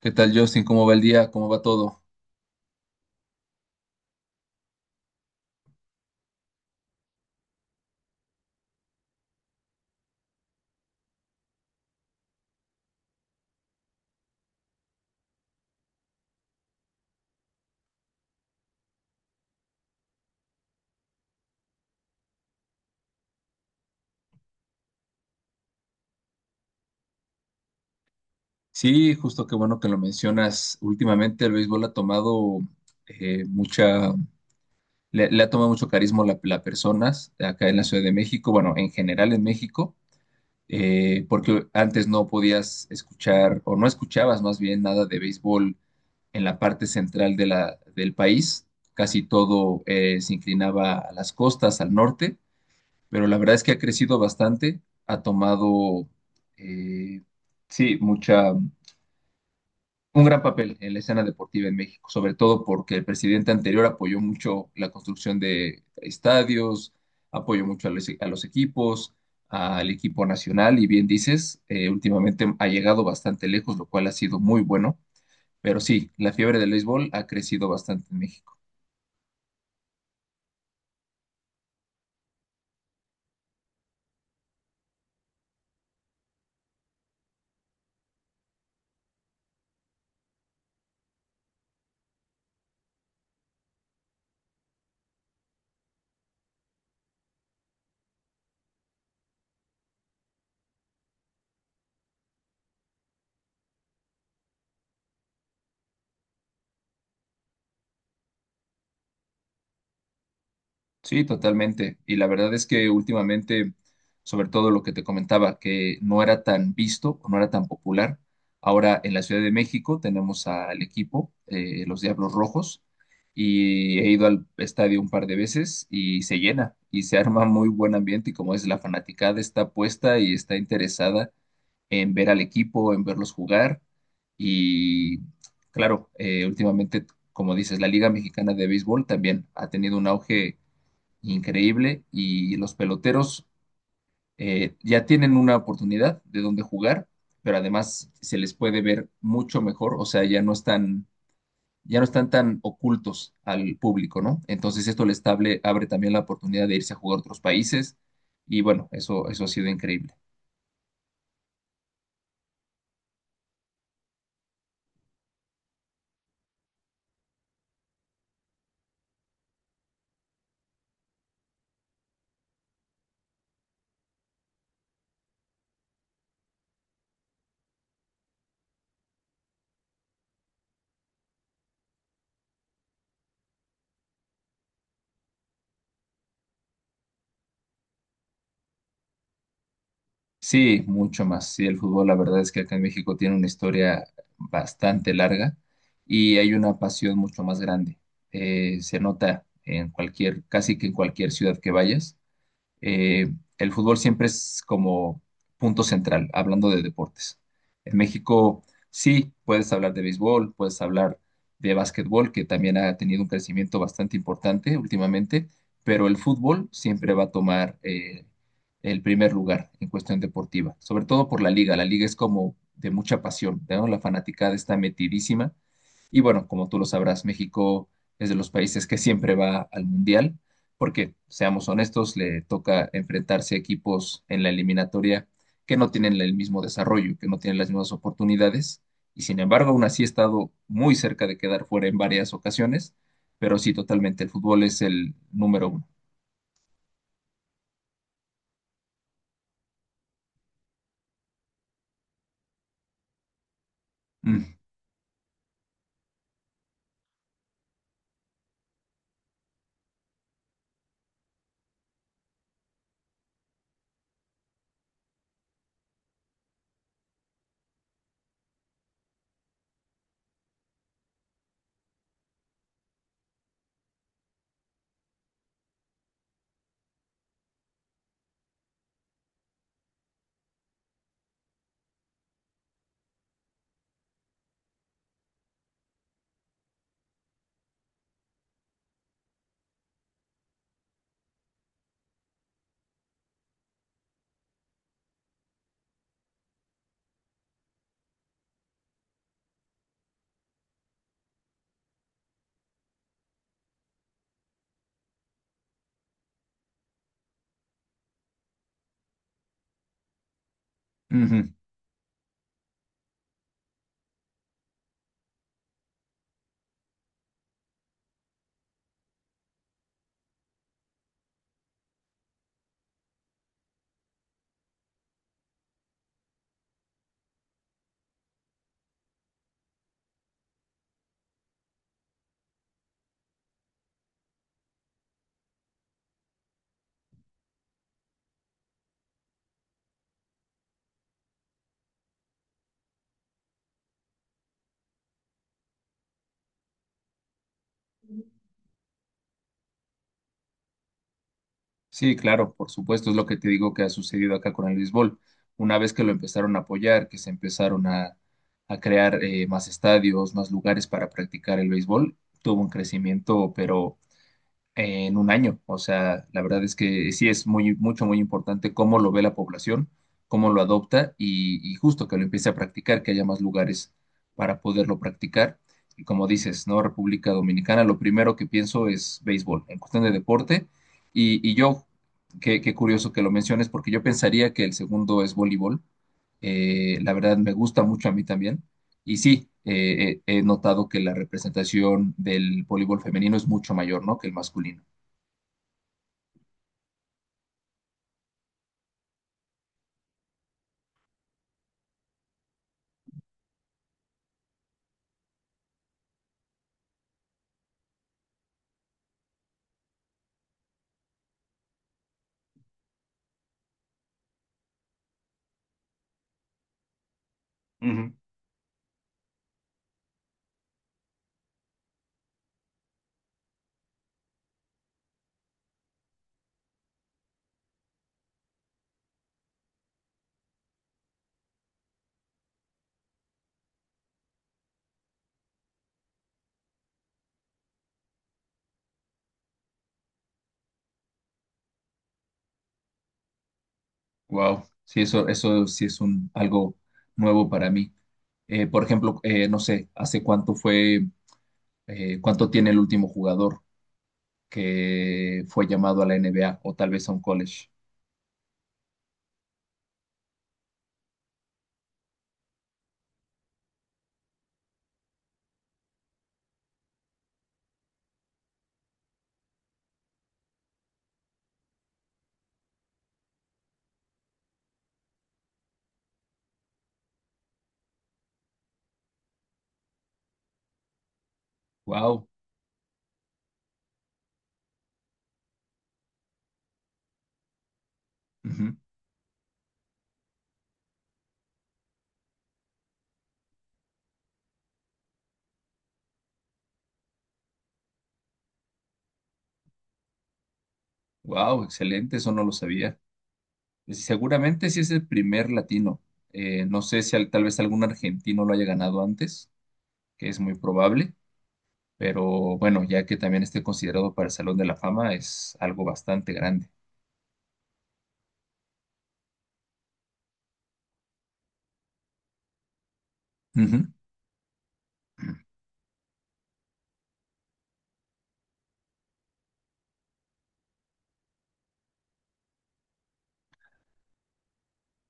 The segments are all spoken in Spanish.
¿Qué tal, Justin? ¿Cómo va el día? ¿Cómo va todo? Sí, justo qué bueno que lo mencionas. Últimamente el béisbol ha tomado eh, mucha, le ha tomado mucho carisma la- las personas acá en la Ciudad de México, bueno, en general en México, porque antes no podías escuchar o no escuchabas más bien nada de béisbol en la parte central de del país. Casi todo se inclinaba a las costas, al norte. Pero la verdad es que ha crecido bastante, ha tomado, eh, sí, mucha, un gran papel en la escena deportiva en México, sobre todo porque el presidente anterior apoyó mucho la construcción de estadios, apoyó mucho a a los equipos, al equipo nacional. Y bien dices, últimamente ha llegado bastante lejos, lo cual ha sido muy bueno, pero sí, la fiebre del béisbol ha crecido bastante en México. Sí, totalmente. Y la verdad es que últimamente, sobre todo lo que te comentaba, que no era tan visto o no era tan popular. Ahora en la Ciudad de México tenemos al equipo, los Diablos Rojos, y he ido al estadio un par de veces y se llena y se arma muy buen ambiente y como es, la fanaticada está puesta y está interesada en ver al equipo, en verlos jugar. Y claro, últimamente, como dices, la Liga Mexicana de Béisbol también ha tenido un auge increíble y los peloteros ya tienen una oportunidad de dónde jugar, pero además se les puede ver mucho mejor, o sea, ya no están tan ocultos al público, ¿no? Entonces esto les abre también la oportunidad de irse a jugar a otros países y bueno, eso ha sido increíble. Sí, mucho más. Sí, el fútbol, la verdad es que acá en México tiene una historia bastante larga y hay una pasión mucho más grande. Se nota en cualquier, casi que en cualquier ciudad que vayas. El fútbol siempre es como punto central, hablando de deportes. En México sí puedes hablar de béisbol, puedes hablar de básquetbol, que también ha tenido un crecimiento bastante importante últimamente, pero el fútbol siempre va a tomar el primer lugar en cuestión deportiva, sobre todo por la liga. La liga es como de mucha pasión, ¿no? La fanaticada está metidísima. Y bueno, como tú lo sabrás, México es de los países que siempre va al mundial porque, seamos honestos, le toca enfrentarse a equipos en la eliminatoria que no tienen el mismo desarrollo, que no tienen las mismas oportunidades, y sin embargo, aún así ha estado muy cerca de quedar fuera en varias ocasiones, pero sí, totalmente, el fútbol es el número uno. Mm, ujú. Sí, claro, por supuesto, es lo que te digo que ha sucedido acá con el béisbol. Una vez que lo empezaron a apoyar, que se empezaron a crear más estadios, más lugares para practicar el béisbol, tuvo un crecimiento, pero en un año. O sea, la verdad es que sí es muy importante cómo lo ve la población, cómo lo adopta y justo que lo empiece a practicar, que haya más lugares para poderlo practicar. Y como dices, ¿no? República Dominicana, lo primero que pienso es béisbol, en cuestión de deporte. Y, y yo, qué curioso que lo menciones, porque yo pensaría que el segundo es voleibol. La verdad me gusta mucho a mí también. Y sí, he notado que la representación del voleibol femenino es mucho mayor, ¿no?, que el masculino. Wow, sí, eso sí es un, algo nuevo para mí. Por ejemplo, no sé, ¿hace cuánto fue, cuánto tiene el último jugador que fue llamado a la NBA o tal vez a un college? Wow, ujú. Wow, excelente, eso no lo sabía. Seguramente sí es el primer latino. No sé si tal vez algún argentino lo haya ganado antes, que es muy probable, pero bueno, ya que también esté considerado para el Salón de la Fama, es algo bastante grande. Ujú.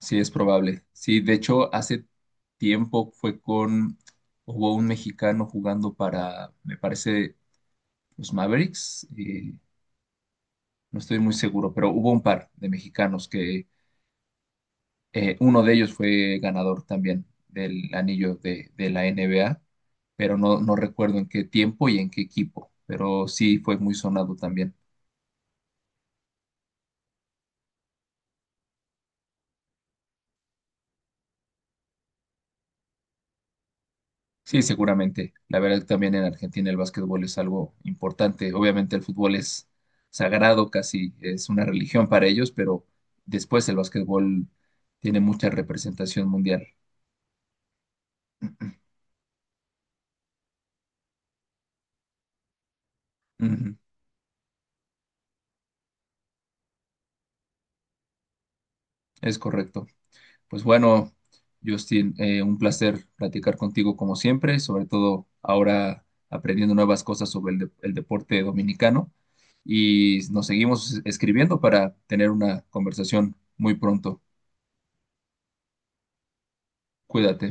Sí, es probable. Sí, de hecho, hace tiempo fue con, hubo un mexicano jugando para, me parece, los Mavericks, no estoy muy seguro, pero hubo un par de mexicanos que uno de ellos fue ganador también del anillo de la NBA, pero no recuerdo en qué tiempo y en qué equipo, pero sí fue muy sonado también. Sí, seguramente. La verdad que también en Argentina el básquetbol es algo importante. Obviamente el fútbol es sagrado, casi es una religión para ellos, pero después el básquetbol tiene mucha representación mundial. Ujú. Es correcto. Pues bueno, Justin, un placer platicar contigo como siempre, sobre todo ahora aprendiendo nuevas cosas sobre el deporte dominicano y nos seguimos escribiendo para tener una conversación muy pronto. Cuídate.